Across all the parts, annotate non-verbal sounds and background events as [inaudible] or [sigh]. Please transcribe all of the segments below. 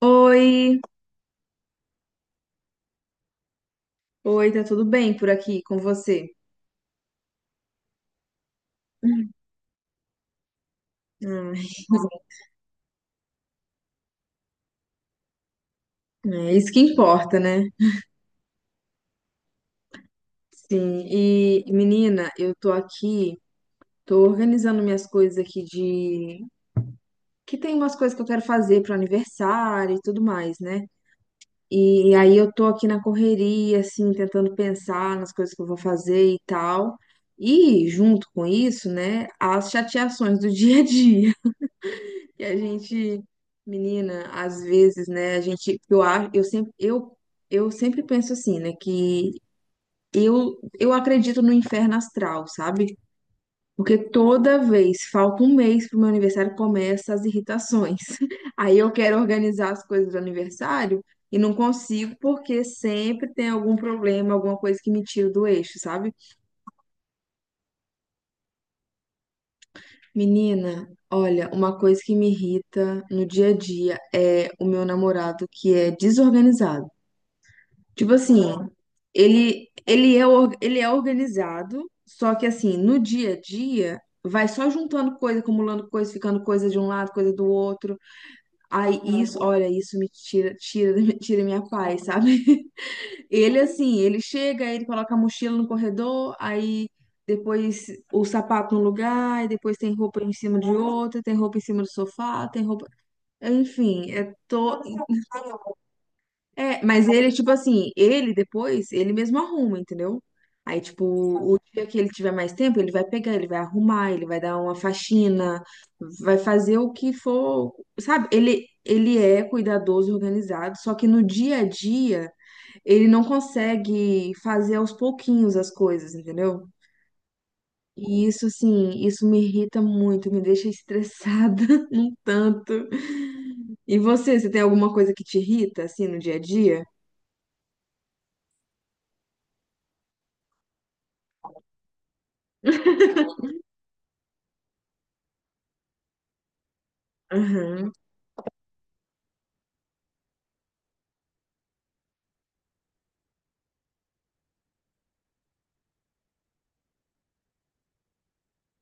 Oi, oi, tá tudo bem por aqui com você? Hum. É isso que importa, né? Sim, e menina, eu tô aqui, tô organizando minhas coisas aqui de que tem umas coisas que eu quero fazer pro aniversário e tudo mais, né? E aí eu tô aqui na correria, assim, tentando pensar nas coisas que eu vou fazer e tal. E junto com isso, né, as chateações do [laughs] dia a dia. E a gente, menina, às vezes, né, a gente, eu acho, eu sempre, eu sempre penso assim, né, que eu acredito no inferno astral, sabe? Porque toda vez, falta um mês pro meu aniversário, começa as irritações. [laughs] Aí eu quero organizar as coisas do aniversário e não consigo porque sempre tem algum problema, alguma coisa que me tira do eixo, sabe? Menina, olha, uma coisa que me irrita no dia a dia é o meu namorado que é desorganizado. Tipo assim, ele é organizado, só que assim, no dia a dia, vai só juntando coisa, acumulando coisa, ficando coisa de um lado, coisa do outro. Aí isso, olha, isso me [laughs] tira minha paz, sabe? Ele assim, ele chega, aí ele coloca a mochila no corredor, aí depois o sapato num lugar, e depois tem roupa em cima de outra, tem roupa em cima do sofá, tem roupa. Enfim, é to. É, mas ele, tipo assim, ele depois, ele mesmo arruma, entendeu? Aí, tipo, o dia que ele tiver mais tempo, ele vai pegar, ele vai arrumar, ele vai dar uma faxina, vai fazer o que for, sabe? Ele é cuidadoso e organizado, só que no dia a dia, ele não consegue fazer aos pouquinhos as coisas, entendeu? E isso, assim, isso me irrita muito, me deixa estressada [laughs] um tanto. E você tem alguma coisa que te irrita, assim, no dia a dia? Aham.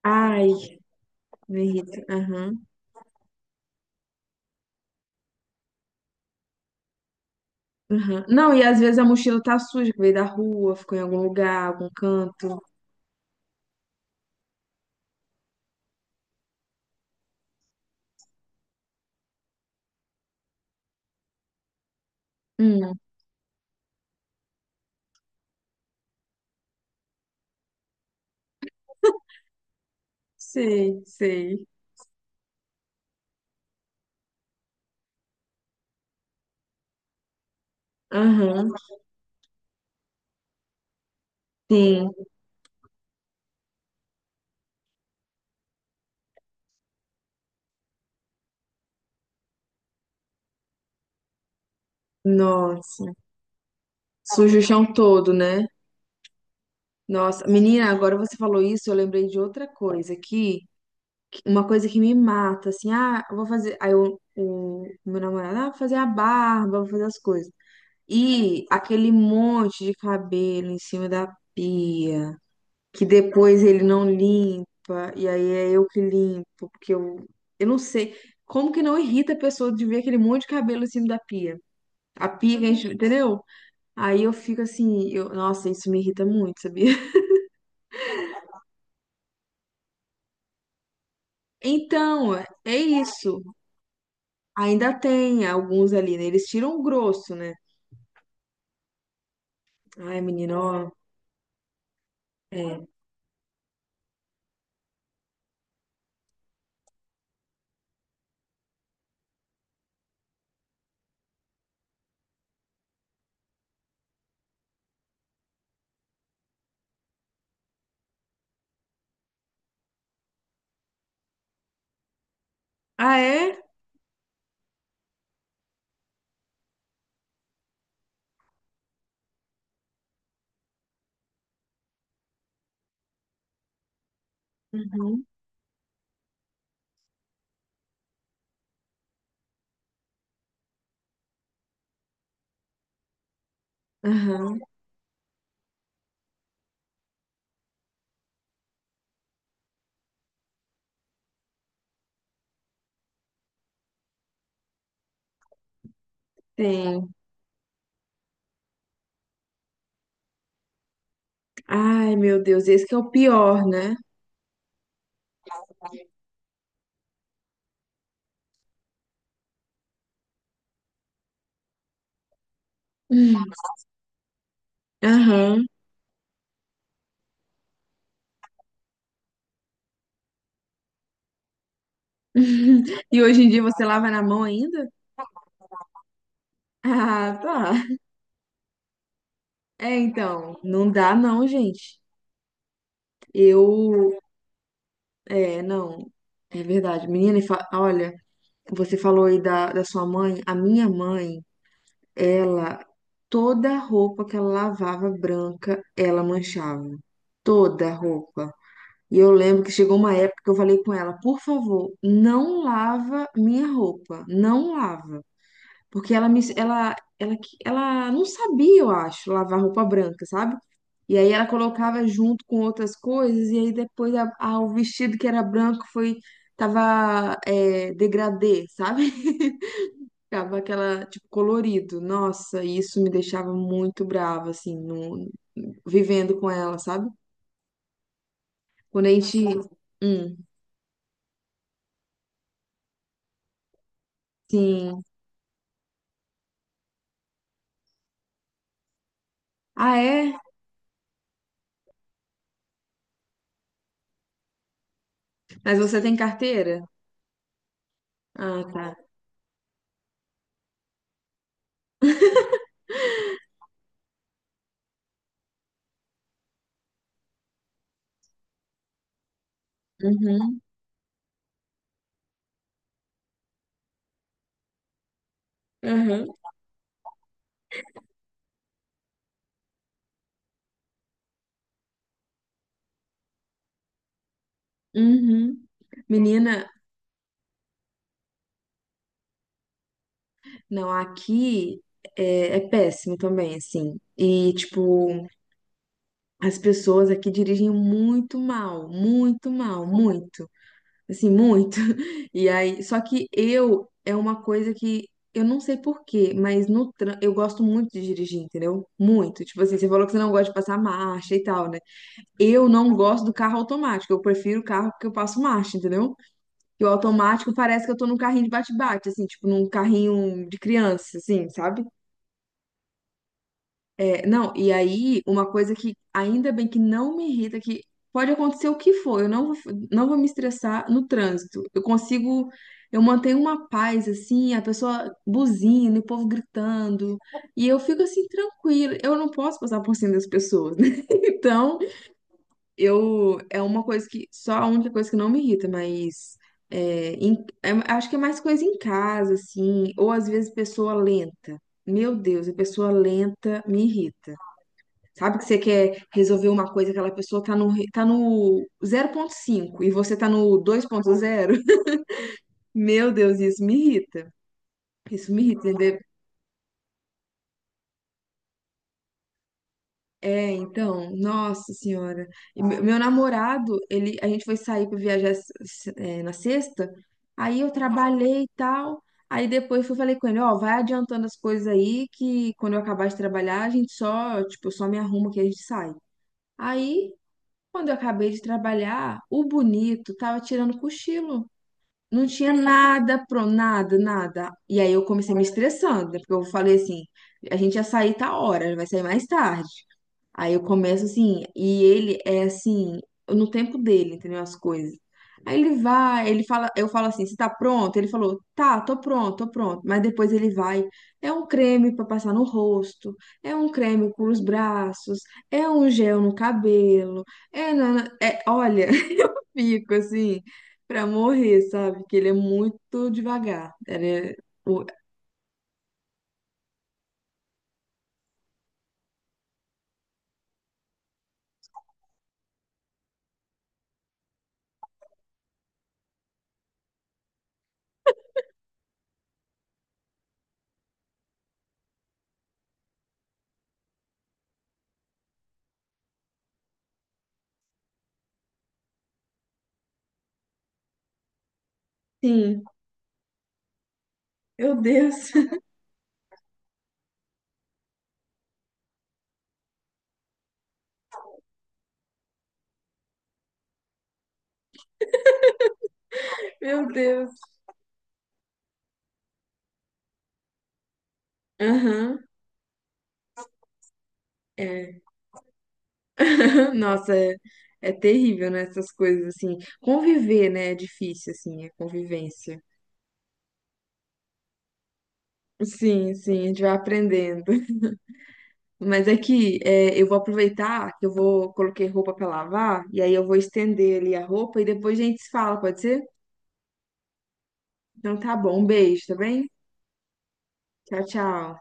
Ai, me irrita. Aham, aham. Não, e às vezes a mochila tá suja, que veio da rua, ficou em algum lugar, algum canto. Hum, sei, sei. Aham, sim. Nossa. Suja o chão todo, né? Nossa, menina, agora você falou isso, eu lembrei de outra coisa aqui, que- uma coisa que me mata, assim, ah, eu vou fazer, aí eu- o meu namorado, ah, vou fazer a barba, vou fazer as coisas. E aquele monte de cabelo em cima da pia. Que depois ele não limpa, e aí é eu que limpo, porque eu não sei como que não irrita a pessoa de ver aquele monte de cabelo em cima da pia. A pia que a gente, entendeu? Aí eu fico assim, eu, nossa, isso me irrita muito, sabia? [laughs] Então, é isso. Ainda tem alguns ali, né? Eles tiram o grosso, né? Ai, menina, ó. É. Ah, é? Uhum. Aham, tem. Ai, meu Deus, esse que é o pior, né? Hum, aham. [laughs] E hoje em dia você lava na mão ainda? Ah, tá. É, então, não dá não, gente. Eu, é, não. É verdade. Menina, e fa- olha, você falou aí da sua mãe. A minha mãe, ela, toda roupa que ela lavava branca, ela manchava. Toda roupa. E eu lembro que chegou uma época que eu falei com ela, por favor, não lava minha roupa. Não lava. Porque ela me, ela não sabia, eu acho, lavar roupa branca, sabe? E aí ela colocava junto com outras coisas, e aí depois o vestido que era branco tava é, degradê, sabe? [laughs] Ficava aquela, tipo, colorido. Nossa, e isso me deixava muito brava, assim, no, vivendo com ela, sabe? Quando a gente. Hum, sim. Ah, é? Mas você tem carteira? Ah, tá. Uhum, uhum. Menina, não, aqui é péssimo também, assim. E, tipo, as pessoas aqui dirigem muito mal, muito mal, muito, assim, muito. [laughs] E aí, só que eu é uma coisa que eu não sei por quê, mas no tran- eu gosto muito de dirigir, entendeu? Muito. Tipo assim, você falou que você não gosta de passar marcha e tal, né? Eu não gosto do carro automático. Eu prefiro o carro que eu passo marcha, entendeu? Que o automático parece que eu tô num carrinho de bate-bate, assim, tipo num carrinho de criança, assim, sabe? É, não, e aí, uma coisa que ainda bem que não me irrita, que pode acontecer o que for, eu não vou me estressar no trânsito. Eu consigo, eu mantenho uma paz, assim, a pessoa buzina, o povo gritando, e eu fico assim, tranquila. Eu não posso passar por cima das pessoas, né? [laughs] Então, eu, é uma coisa que, só a única coisa que não me irrita, mas é, em- é- acho que é mais coisa em casa, assim, ou às vezes pessoa lenta. Meu Deus, a pessoa lenta me irrita. Sabe que você quer resolver uma coisa, aquela pessoa tá no 0,5 e você tá no 2,0? [laughs] Meu Deus, isso me irrita. Isso me irrita, entendeu? É, então, nossa senhora. E meu namorado, ele, a gente foi sair pra viajar s- s- é, na sexta, aí eu trabalhei e tal. Aí depois eu falei com ele, ó, vai adiantando as coisas aí que quando eu acabar de trabalhar, a gente só, tipo, eu só me arrumo que a gente sai. Aí, quando eu acabei de trabalhar, o bonito tava tirando cochilo. Não tinha nada pro nada, nada. E aí eu comecei me estressando, né? Porque eu falei assim, a gente ia sair tal hora, vai sair mais tarde. Aí eu começo assim, e ele é assim, no tempo dele, entendeu? As coisas. Aí ele vai, ele fala, eu falo assim, você tá pronto? Ele falou, tá, tô pronto, tô pronto. Mas depois ele vai, é um creme pra passar no rosto, é um creme para os braços, é um gel no cabelo, é, nana- é, olha, [laughs] fico assim, pra morrer, sabe? Que ele é muito devagar. Ele é, o- sim, meu Deus, [laughs] meu Deus. Aham. É. Nossa, é terrível, né? Essas coisas assim. Conviver, né? É difícil, assim, a convivência. Sim, sim, a gente vai aprendendo. Mas é que é, eu vou aproveitar que eu vou coloquei roupa pra lavar e aí eu vou estender ali a roupa e depois a gente se fala, pode ser? Então tá bom, um beijo, tá bem? Tchau, tchau.